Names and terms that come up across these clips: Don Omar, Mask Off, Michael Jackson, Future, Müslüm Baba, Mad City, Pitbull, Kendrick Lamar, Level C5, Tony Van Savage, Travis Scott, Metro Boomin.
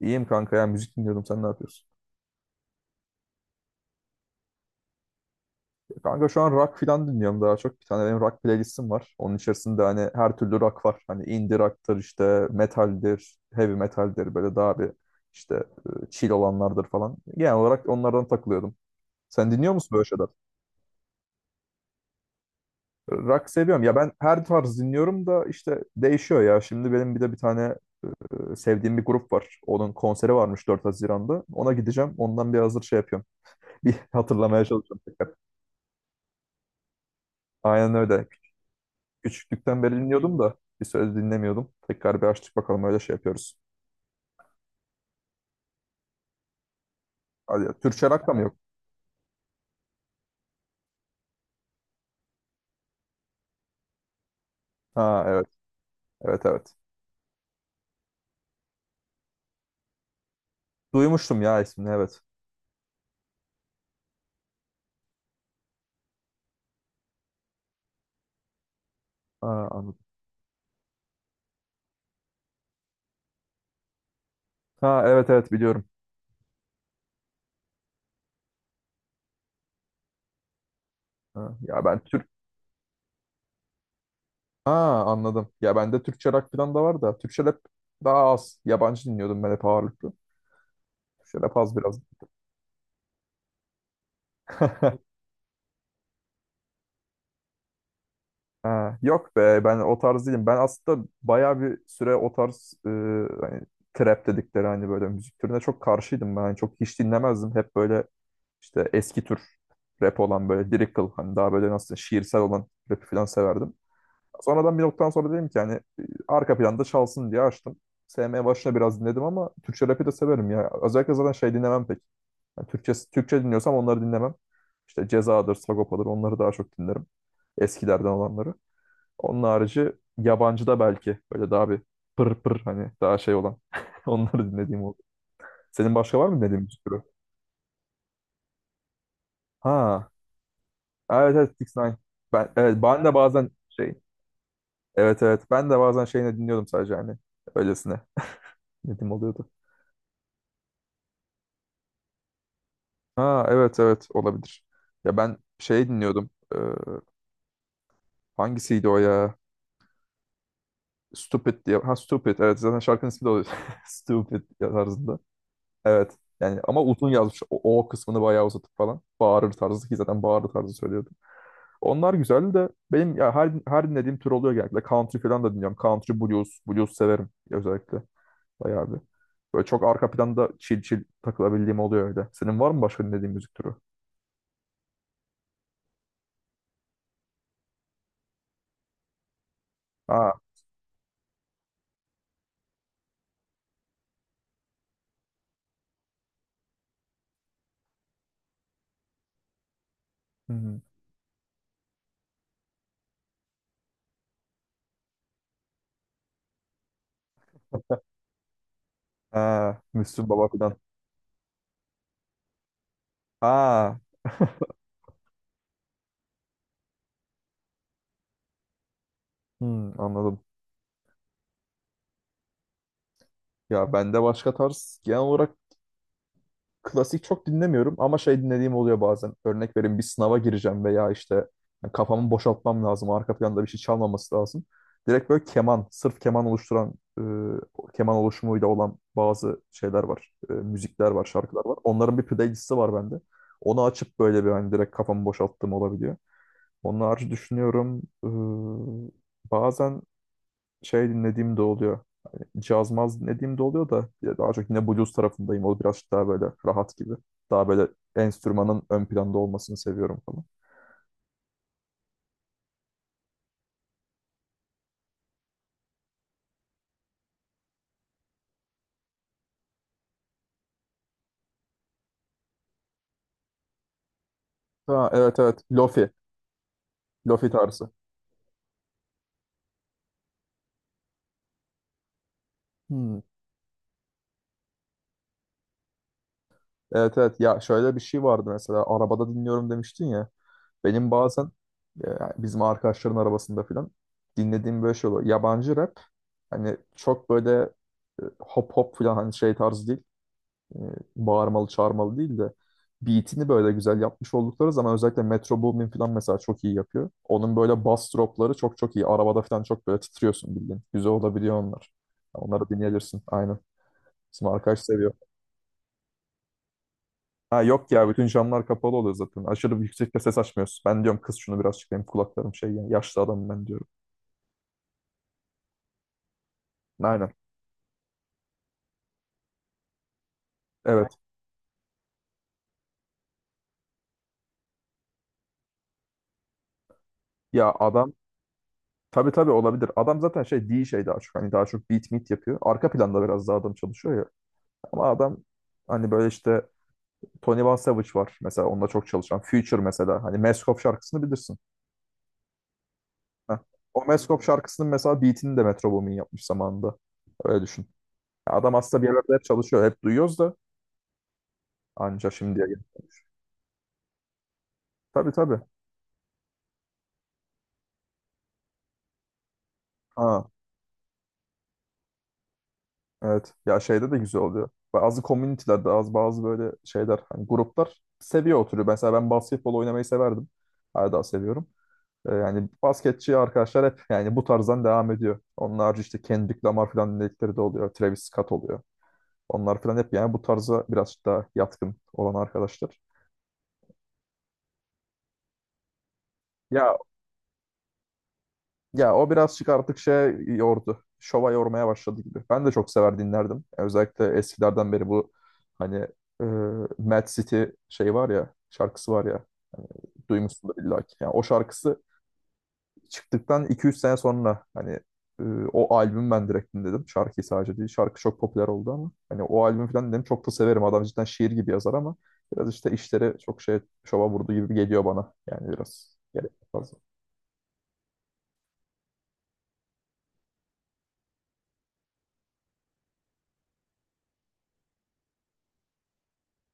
İyiyim kanka ya, müzik dinliyordum, sen ne yapıyorsun? Ya kanka şu an rock falan dinliyorum daha çok. Bir tane benim rock playlistim var. Onun içerisinde hani her türlü rock var. Hani indie rock'tır, işte metaldir, heavy metaldir, böyle daha işte chill olanlardır falan. Genel olarak onlardan takılıyordum. Sen dinliyor musun böyle şeyler? Rock seviyorum. Ya ben her tarz dinliyorum da işte değişiyor ya. Şimdi benim bir tane sevdiğim bir grup var. Onun konseri varmış 4 Haziran'da. Ona gideceğim. Ondan bir hazır şey yapıyorum. Bir hatırlamaya çalışıyorum tekrar. Aynen öyle. Küçüklükten beri dinliyordum da bir söz dinlemiyordum. Tekrar bir açtık, bakalım öyle şey yapıyoruz. Hadi ya, Türkçe rock da mı yok? Ha, evet. Evet, evet. Duymuştum ya ismini, evet. Ha, anladım. Ha, evet evet, biliyorum. Ha, ya ben Türk Ha anladım. Ya bende Türkçe rock falan da var da Türkçe rap daha az. Yabancı dinliyordum ben hep ağırlıklı. Türkçe rap az biraz. Ha, yok be, ben o tarz değilim. Ben aslında bayağı bir süre o tarz hani trap dedikleri hani böyle müzik türüne çok karşıydım ben. Hani çok hiç dinlemezdim. Hep böyle İşte eski tür rap olan, böyle lyrical, hani daha böyle nasıl şiirsel olan rapi falan severdim. Sonradan bir noktadan sonra dedim ki arka planda çalsın diye açtım. Sevmeye başına biraz dinledim ama Türkçe rapi de severim ya. Özellikle zaten şey dinlemem pek. Yani Türkçe, Türkçe dinliyorsam onları dinlemem. İşte Ceza'dır, Sagopa'dır, onları daha çok dinlerim. Eskilerden olanları. Onun harici yabancı da belki böyle daha bir pır pır, hani daha şey olan onları dinlediğim oldu. Senin başka var mı dinlediğin bir türü? Ha, evet evet, 6 ix. Ben, evet ben de bazen şey, evet evet ben de bazen şeyini dinliyordum, sadece hani öylesine dinlediğim oluyordu. Ha, evet evet, olabilir. Ya ben şey dinliyordum. Hangisiydi o ya? Stupid diye. Ha, Stupid, evet, zaten şarkının ismi de oluyor. Stupid tarzında. Evet. Yani ama uzun yazmış. O, o kısmını bayağı uzatıp falan. Bağırır tarzı, ki zaten bağırır tarzı söylüyordu. Onlar güzel de benim ya her dinlediğim tür oluyor genellikle. Country falan da dinliyorum. Country blues, blues severim özellikle. Bayağı bir. Böyle çok arka planda chill chill takılabildiğim oluyor öyle. Senin var mı başka dinlediğin müzik türü? Ha. Hı hı. Ha. Müslüm Baba falan. Ha. Hı, anladım. Ya bende başka tarz genel olarak klasik çok dinlemiyorum ama şey dinlediğim oluyor bazen. Örnek vereyim, bir sınava gireceğim veya işte yani kafamı boşaltmam lazım. Arka planda bir şey çalmaması lazım. Direkt böyle keman, sırf keman oluşturan, keman oluşumuyla olan bazı şeyler var. E, müzikler var, şarkılar var. Onların bir playlisti var bende. Onu açıp böyle bir hani direkt kafamı boşalttığım olabiliyor. Onun harici düşünüyorum. Bazen şey dinlediğim de oluyor. Hani caz maz dinlediğim de oluyor da ya daha çok yine blues tarafındayım. O birazcık daha böyle rahat gibi. Daha böyle enstrümanın ön planda olmasını seviyorum falan. Ha, evet evet. Lofi. Lofi tarzı. Hmm. Evet evet. Ya şöyle bir şey vardı mesela. Arabada dinliyorum demiştin ya. Benim bazen e, bizim arkadaşların arabasında filan dinlediğim böyle şey oluyor. Yabancı rap. Hani çok böyle hop hop falan hani şey tarzı değil. e, Bağırmalı çağırmalı değil de beatini böyle güzel yapmış oldukları zaman özellikle Metro Boomin falan mesela çok iyi yapıyor. Onun böyle bass dropları çok çok iyi. Arabada falan çok böyle titriyorsun bildiğin. Güzel olabiliyor onlar. Onları dinleyebilirsin. Aynen. Bizim arkadaş seviyor. Ha yok ya, bütün camlar kapalı oluyor zaten. Aşırı yüksekte ses açmıyorsun. Ben diyorum kız şunu birazcık, benim kulaklarım şey yani, yaşlı adamım ben diyorum. Aynen. Evet. Ya adam, tabii tabii, olabilir. Adam zaten şey değil, şey daha çok. Hani daha çok beat meet yapıyor. Arka planda biraz daha adam çalışıyor ya. Ama adam hani böyle işte Tony Van Savage var mesela, onunla çok çalışan. Future mesela, hani Mask Off şarkısını bilirsin. Heh. O Mask Off şarkısının mesela beatini de Metro Boomin yapmış zamanında. Öyle düşün. Ya adam aslında bir yerlerde hep çalışıyor. Hep duyuyoruz da anca şimdiye gel. Tabii tabii. Ha, evet. Ya şeyde de güzel oluyor. Bazı komünitelerde az, bazı böyle şeyler hani gruplar seviye oturuyor. Mesela ben basketbol oynamayı severdim. Hala daha seviyorum. Yani basketçi arkadaşlar hep yani bu tarzdan devam ediyor. Onun harici işte Kendrick Lamar falan dinledikleri de oluyor. Travis Scott oluyor. Onlar falan hep yani bu tarza biraz daha yatkın olan arkadaşlar. Ya ya o birazcık artık şey yordu. Şova yormaya başladı gibi. Ben de çok sever dinlerdim. Özellikle eskilerden beri bu hani e, Mad City şey var ya, şarkısı var ya, duymuşsundur illa ki. Yani o şarkısı çıktıktan iki üç sene sonra e, o albüm ben direkt dinledim. Şarkıyı sadece değil. Şarkı çok popüler oldu ama hani o albüm falan dedim, çok da severim. Adam cidden şiir gibi yazar ama biraz işte işleri çok şey şova vurdu gibi geliyor bana. Yani biraz gerek fazla.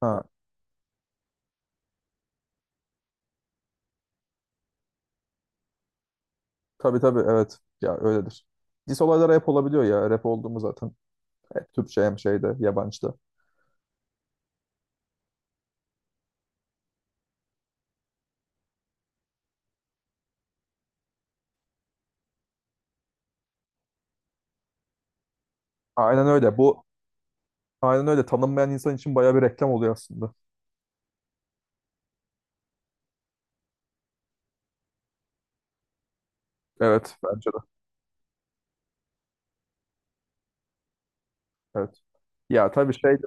Ha, tabii tabii, evet. Ya öyledir. Diss olaylar rap olabiliyor ya. Rap oldu mu zaten. Hep Türkçe, hem şeyde yabancıda. Aynen öyle. Bu aynen öyle. Tanınmayan insan için bayağı bir reklam oluyor aslında. Evet, bence de. Evet. Ya tabii şey de,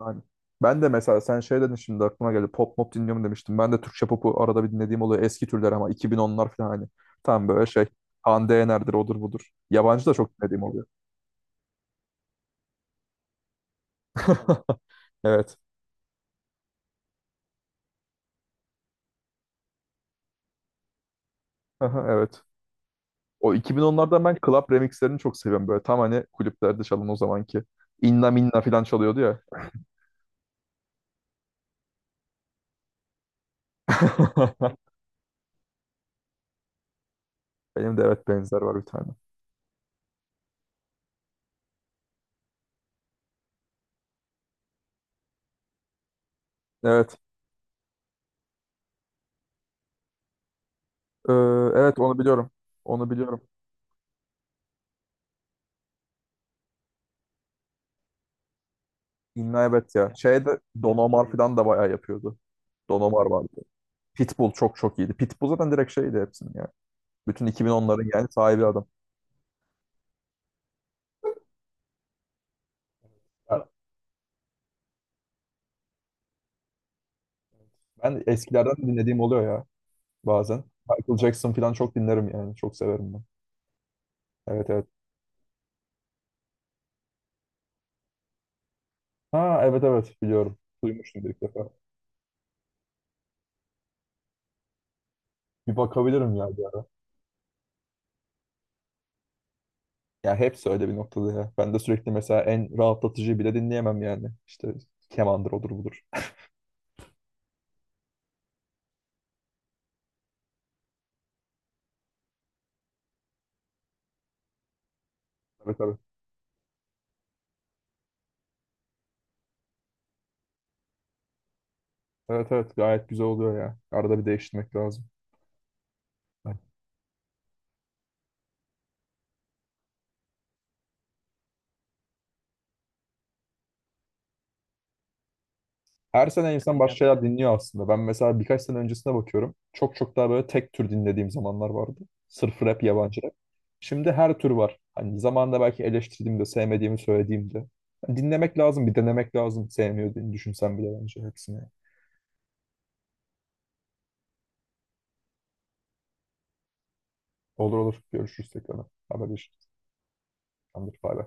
yani ben de mesela sen şey dedin, şimdi aklıma geldi. Pop mop dinliyorum demiştim. Ben de Türkçe popu arada bir dinlediğim oluyor. Eski türler ama 2010'lar falan hani. Tam böyle şey. Hande Yener'dir, odur budur. Yabancı da çok dinlediğim oluyor. Evet. Aha, evet. O 2010'lardan ben club remixlerini çok seviyorum böyle. Tam hani kulüplerde çalın o zamanki. İnna minna falan çalıyordu ya. Benim de evet benzer var bir tane. Evet. Ee, evet onu biliyorum. Onu biliyorum. İnna evet ya. Şeyde Don Omar falan da bayağı yapıyordu. Don Omar vardı. Pitbull çok çok iyiydi. Pitbull zaten direkt şeydi hepsinin ya. Bütün iki bin onların yani sahibi adam. Ya, ben eskilerden de dinlediğim oluyor ya bazen. Michael Jackson falan çok dinlerim yani. Çok severim ben. Evet evet. Ha, evet evet, biliyorum. Duymuştum bir iki defa. Bir bakabilirim ya bir ara. Ya hepsi öyle bir noktada ya. Ben de sürekli mesela en rahatlatıcı bile dinleyemem yani. İşte kemandır, odur budur. Evet evet. Evet evet, gayet güzel oluyor ya. Arada bir değiştirmek lazım. Yani her sene insan başka şeyler dinliyor aslında. Ben mesela birkaç sene öncesine bakıyorum. Çok çok daha böyle tek tür dinlediğim zamanlar vardı. Sırf rap, yabancı rap. Şimdi her tür var. Hani zamanında belki eleştirdiğimde, sevmediğimi söylediğimde. Yani dinlemek lazım, bir denemek lazım. Sevmiyor diye düşünsen bile bence hepsini. Olur olur. Görüşürüz tekrar. Haberleşiriz. Tamamdır. Bay bay.